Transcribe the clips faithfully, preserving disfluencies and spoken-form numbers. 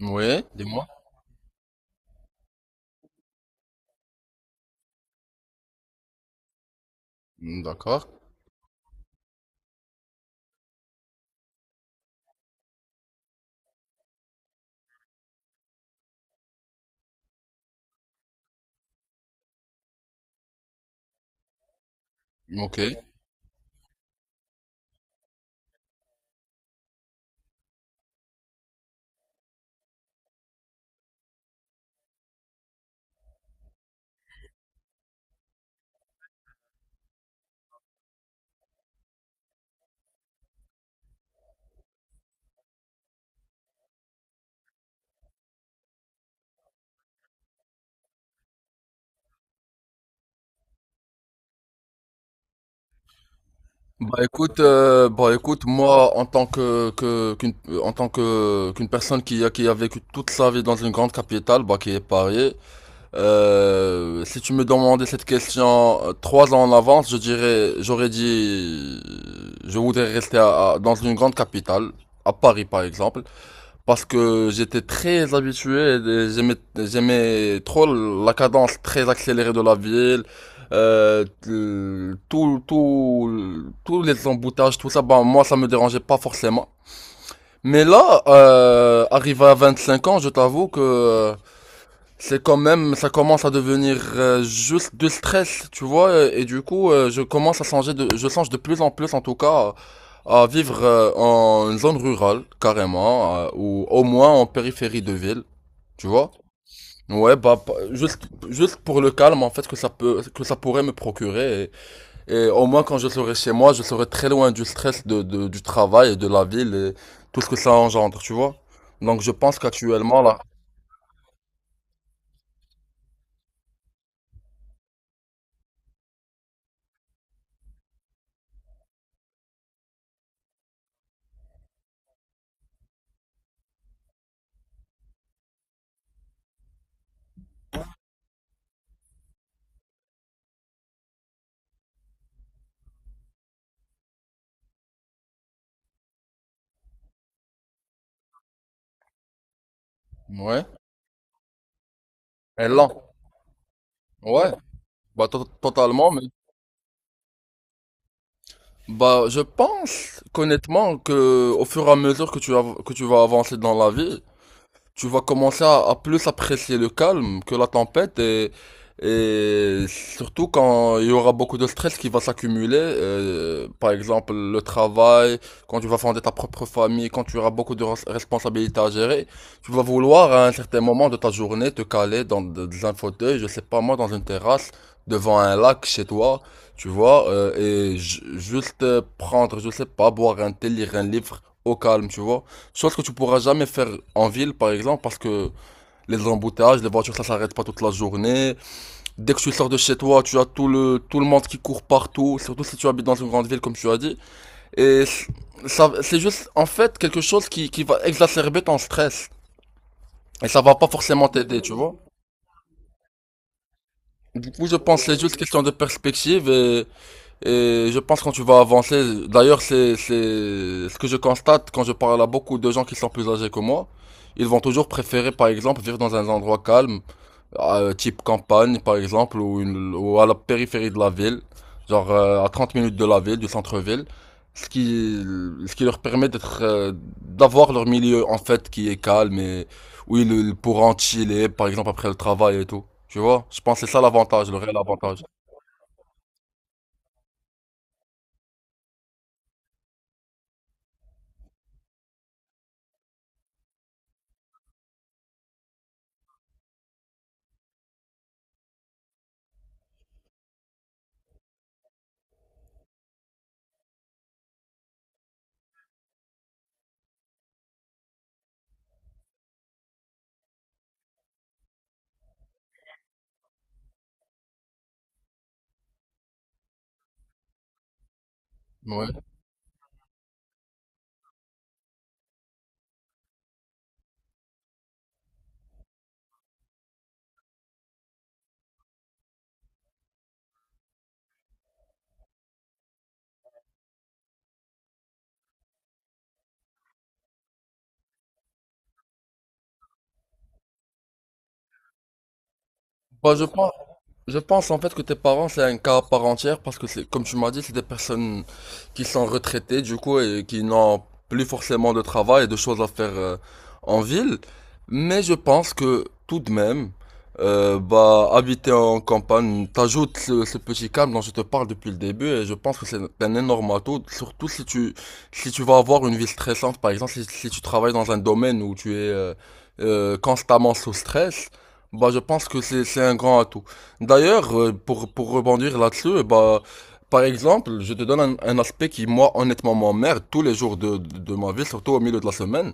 Oui, dis-moi. Mm. D'accord. Ok. Bah écoute, euh, bah écoute, moi en tant que, que qu'une en tant que qu'une personne qui a qui a vécu toute sa vie dans une grande capitale, bah qui est Paris, euh, si tu me demandais cette question euh, trois ans en avance, je dirais, j'aurais dit, je voudrais rester à- à- dans une grande capitale, à Paris par exemple. Parce que j'étais très habitué, et j'aimais, j'aimais trop la cadence très accélérée de la ville, euh, tout, tout, tous les emboutages, tout ça, bah, moi, ça me dérangeait pas forcément. Mais là, euh, arrivé à vingt-cinq ans, je t'avoue que c'est quand même, ça commence à devenir euh, juste du stress, tu vois, euh, et du coup, euh, je commence à changer de, je change de plus en plus, en tout cas, à, à vivre euh, en zone rurale, carrément, euh, ou au moins en périphérie de ville, tu vois. Ouais, bah, pa- juste, juste pour le calme, en fait, que ça peut, que ça pourrait me procurer, et, et au moins quand je serai chez moi, je serai très loin du stress de, de- du travail et de la ville et tout ce que ça engendre, tu vois. Donc je pense qu'actuellement, là, ouais, elle lent, ouais. Bah, to- totalement, mais bah, je pense qu'honnêtement que au fur et à mesure que tu av- que tu vas avancer dans la vie, tu vas commencer à, à plus apprécier le calme que la tempête et, et surtout quand il y aura beaucoup de stress qui va s'accumuler, euh, par exemple le travail, quand tu vas fonder ta propre famille, quand tu auras beaucoup de res- responsabilités à gérer, tu vas vouloir à un certain moment de ta journée te caler dans, de- dans un fauteuil, je sais pas moi, dans une terrasse, devant un lac chez toi, tu vois, euh, et ju- juste euh, prendre, je sais pas, boire un thé, lire un livre au calme, tu vois. Chose que tu pourras jamais faire en ville, par exemple, parce que les embouteillages, les voitures, ça s'arrête pas toute la journée. Dès que tu sors de chez toi, tu as tout le, tout le monde qui court partout, surtout si tu habites dans une grande ville, comme tu as dit. Et ça, c'est juste, en fait, quelque chose qui, qui va exacerber ton stress. Et ça va pas forcément t'aider, tu vois. Du coup, je pense que c'est juste question de perspective. et Et je pense que quand tu vas avancer, d'ailleurs c'est c'est ce que je constate quand je parle à beaucoup de gens qui sont plus âgés que moi, ils vont toujours préférer par exemple vivre dans un endroit calme, euh, type campagne par exemple ou, une, ou à la périphérie de la ville, genre euh, à trente minutes de la ville, du centre-ville, ce qui ce qui leur permet d'être euh, d'avoir leur milieu en fait qui est calme et où ils, ils pourront chiller par exemple après le travail et tout. Tu vois? Je pense que c'est ça l'avantage, le réel avantage. Ouais. Bah, je pense, je pense en fait que tes parents c'est un cas à part entière parce que c'est, comme tu m'as dit, c'est des personnes qui sont retraitées du coup et qui n'ont plus forcément de travail et de choses à faire euh, en ville. Mais je pense que tout de même, euh, bah, habiter en campagne t'ajoute ce, ce petit calme dont je te parle depuis le début et je pense que c'est un énorme atout, surtout si tu, si tu vas avoir une vie stressante, par exemple, si, si tu travailles dans un domaine où tu es euh, euh, constamment sous stress. Bah, je pense que c'est c'est un grand atout. D'ailleurs, euh, pour, pour rebondir là-dessus, bah, par exemple, je te donne un, un aspect qui, moi, honnêtement, m'emmerde tous les jours de, de, de ma vie, surtout au milieu de la semaine.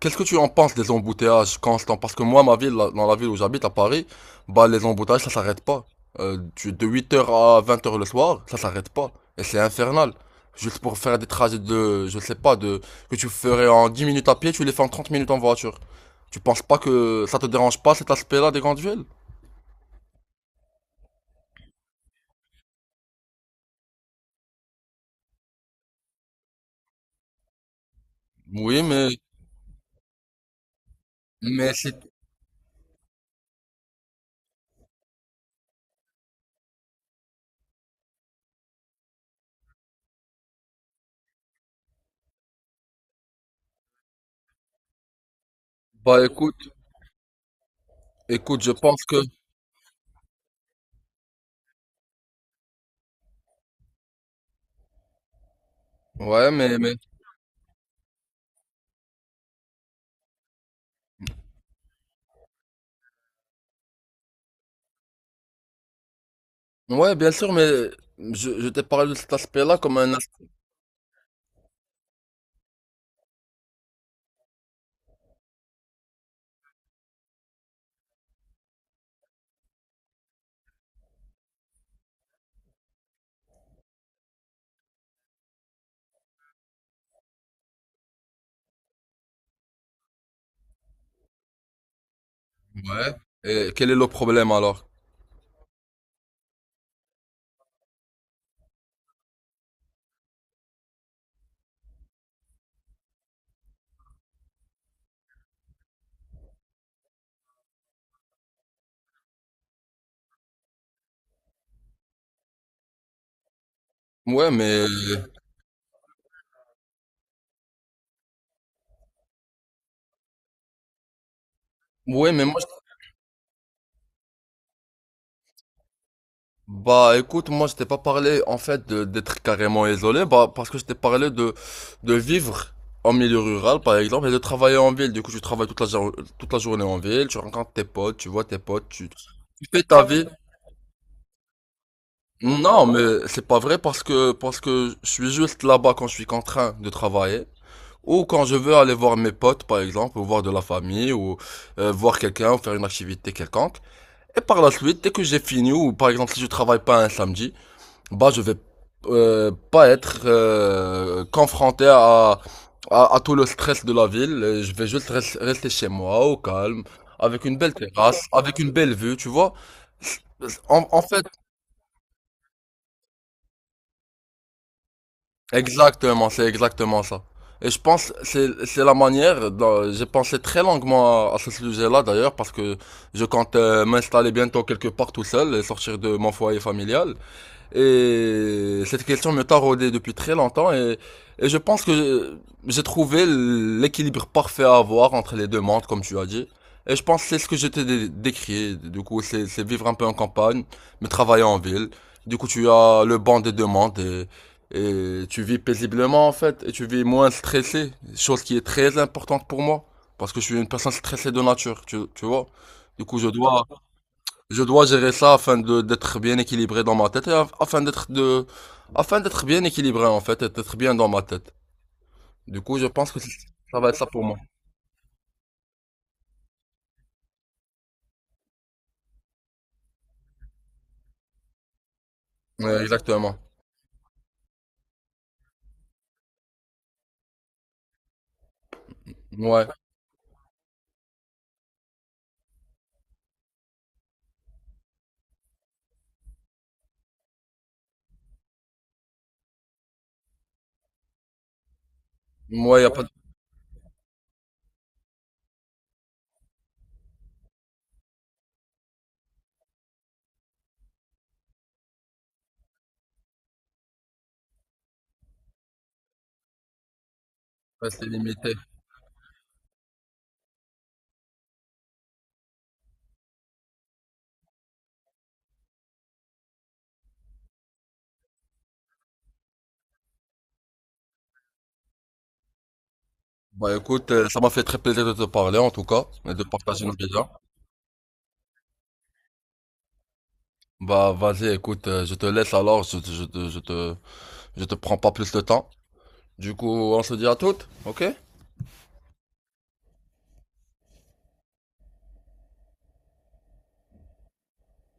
Qu'est-ce que tu en penses des embouteillages constants? Parce que moi, ma ville, la- dans la ville où j'habite, à Paris, bah, les embouteillages, ça s'arrête pas. Euh, tu- de huit heures à vingt heures le soir, ça s'arrête pas. Et c'est infernal. Juste pour faire des trajets de, je sais pas, de, que tu ferais en dix minutes à pied, tu les fais en trente minutes en voiture. Tu penses pas que ça te dérange pas cet aspect-là des grandes villes? Oui, mais, mais c'est, bah, écoute, écoute, je pense que, ouais, mais, mais, ouais, bien sûr, mais je, je t'ai parlé de cet aspect-là comme un. Ouais. Et quel est le problème alors? Ouais, mais ouais, mais moi je- bah écoute, moi je t'ai pas parlé en fait de- d'être carrément isolé, bah parce que je t'ai parlé de de vivre en milieu rural par exemple et de travailler en ville. Du coup, tu travailles toute la jour- toute la journée en ville, tu rencontres tes potes, tu vois tes potes, tu tu fais ta vie. Non, mais c'est pas vrai parce que parce que je suis juste là-bas quand je suis contraint de travailler ou quand je veux aller voir mes potes par exemple ou voir de la famille ou euh, voir quelqu'un ou faire une activité quelconque. Et par la suite, dès que j'ai fini, ou par exemple si je travaille pas un samedi, bah je vais euh, pas être euh, confronté à, à, à tout le stress de la ville. Euh, Je vais juste res- rester chez moi, au calme, avec une belle terrasse, avec une belle vue, tu vois. En, en fait, exactement, c'est exactement ça. Et je pense que c'est c'est la manière dont- J'ai pensé très longuement à, à ce sujet-là d'ailleurs parce que je compte euh, m'installer bientôt quelque part tout seul et sortir de mon foyer familial. Et cette question me taraudait depuis très longtemps et, et je pense que j'ai trouvé l'équilibre parfait à avoir entre les deux mondes, comme tu as dit. Et je pense que c'est ce que j'étais dé- décrit. Du coup, c'est c'est vivre un peu en campagne, mais travailler en ville. Du coup, tu as le banc des deux mondes et, et tu vis paisiblement en fait. Et tu vis moins stressé, chose qui est très importante pour moi. Parce que je suis une personne stressée de nature, tu, tu vois. Du coup, je dois je dois gérer ça afin de d'être bien équilibré dans ma tête et af- afin d'être de afin d'être bien équilibré en fait et d'être bien dans ma tête. Du coup, je pense que c- ça va être ça pour moi. Ouais, exactement. Ouais. Moi, il a pas de ouais, c'est limité. Bah écoute, euh, ça m'a fait très plaisir de te parler en tout cas et de partager nos visions. Bah vas-y, écoute, euh, je te laisse alors, je, te- je, te je te je te prends pas plus de temps. Du coup, on se dit à toutes, ok?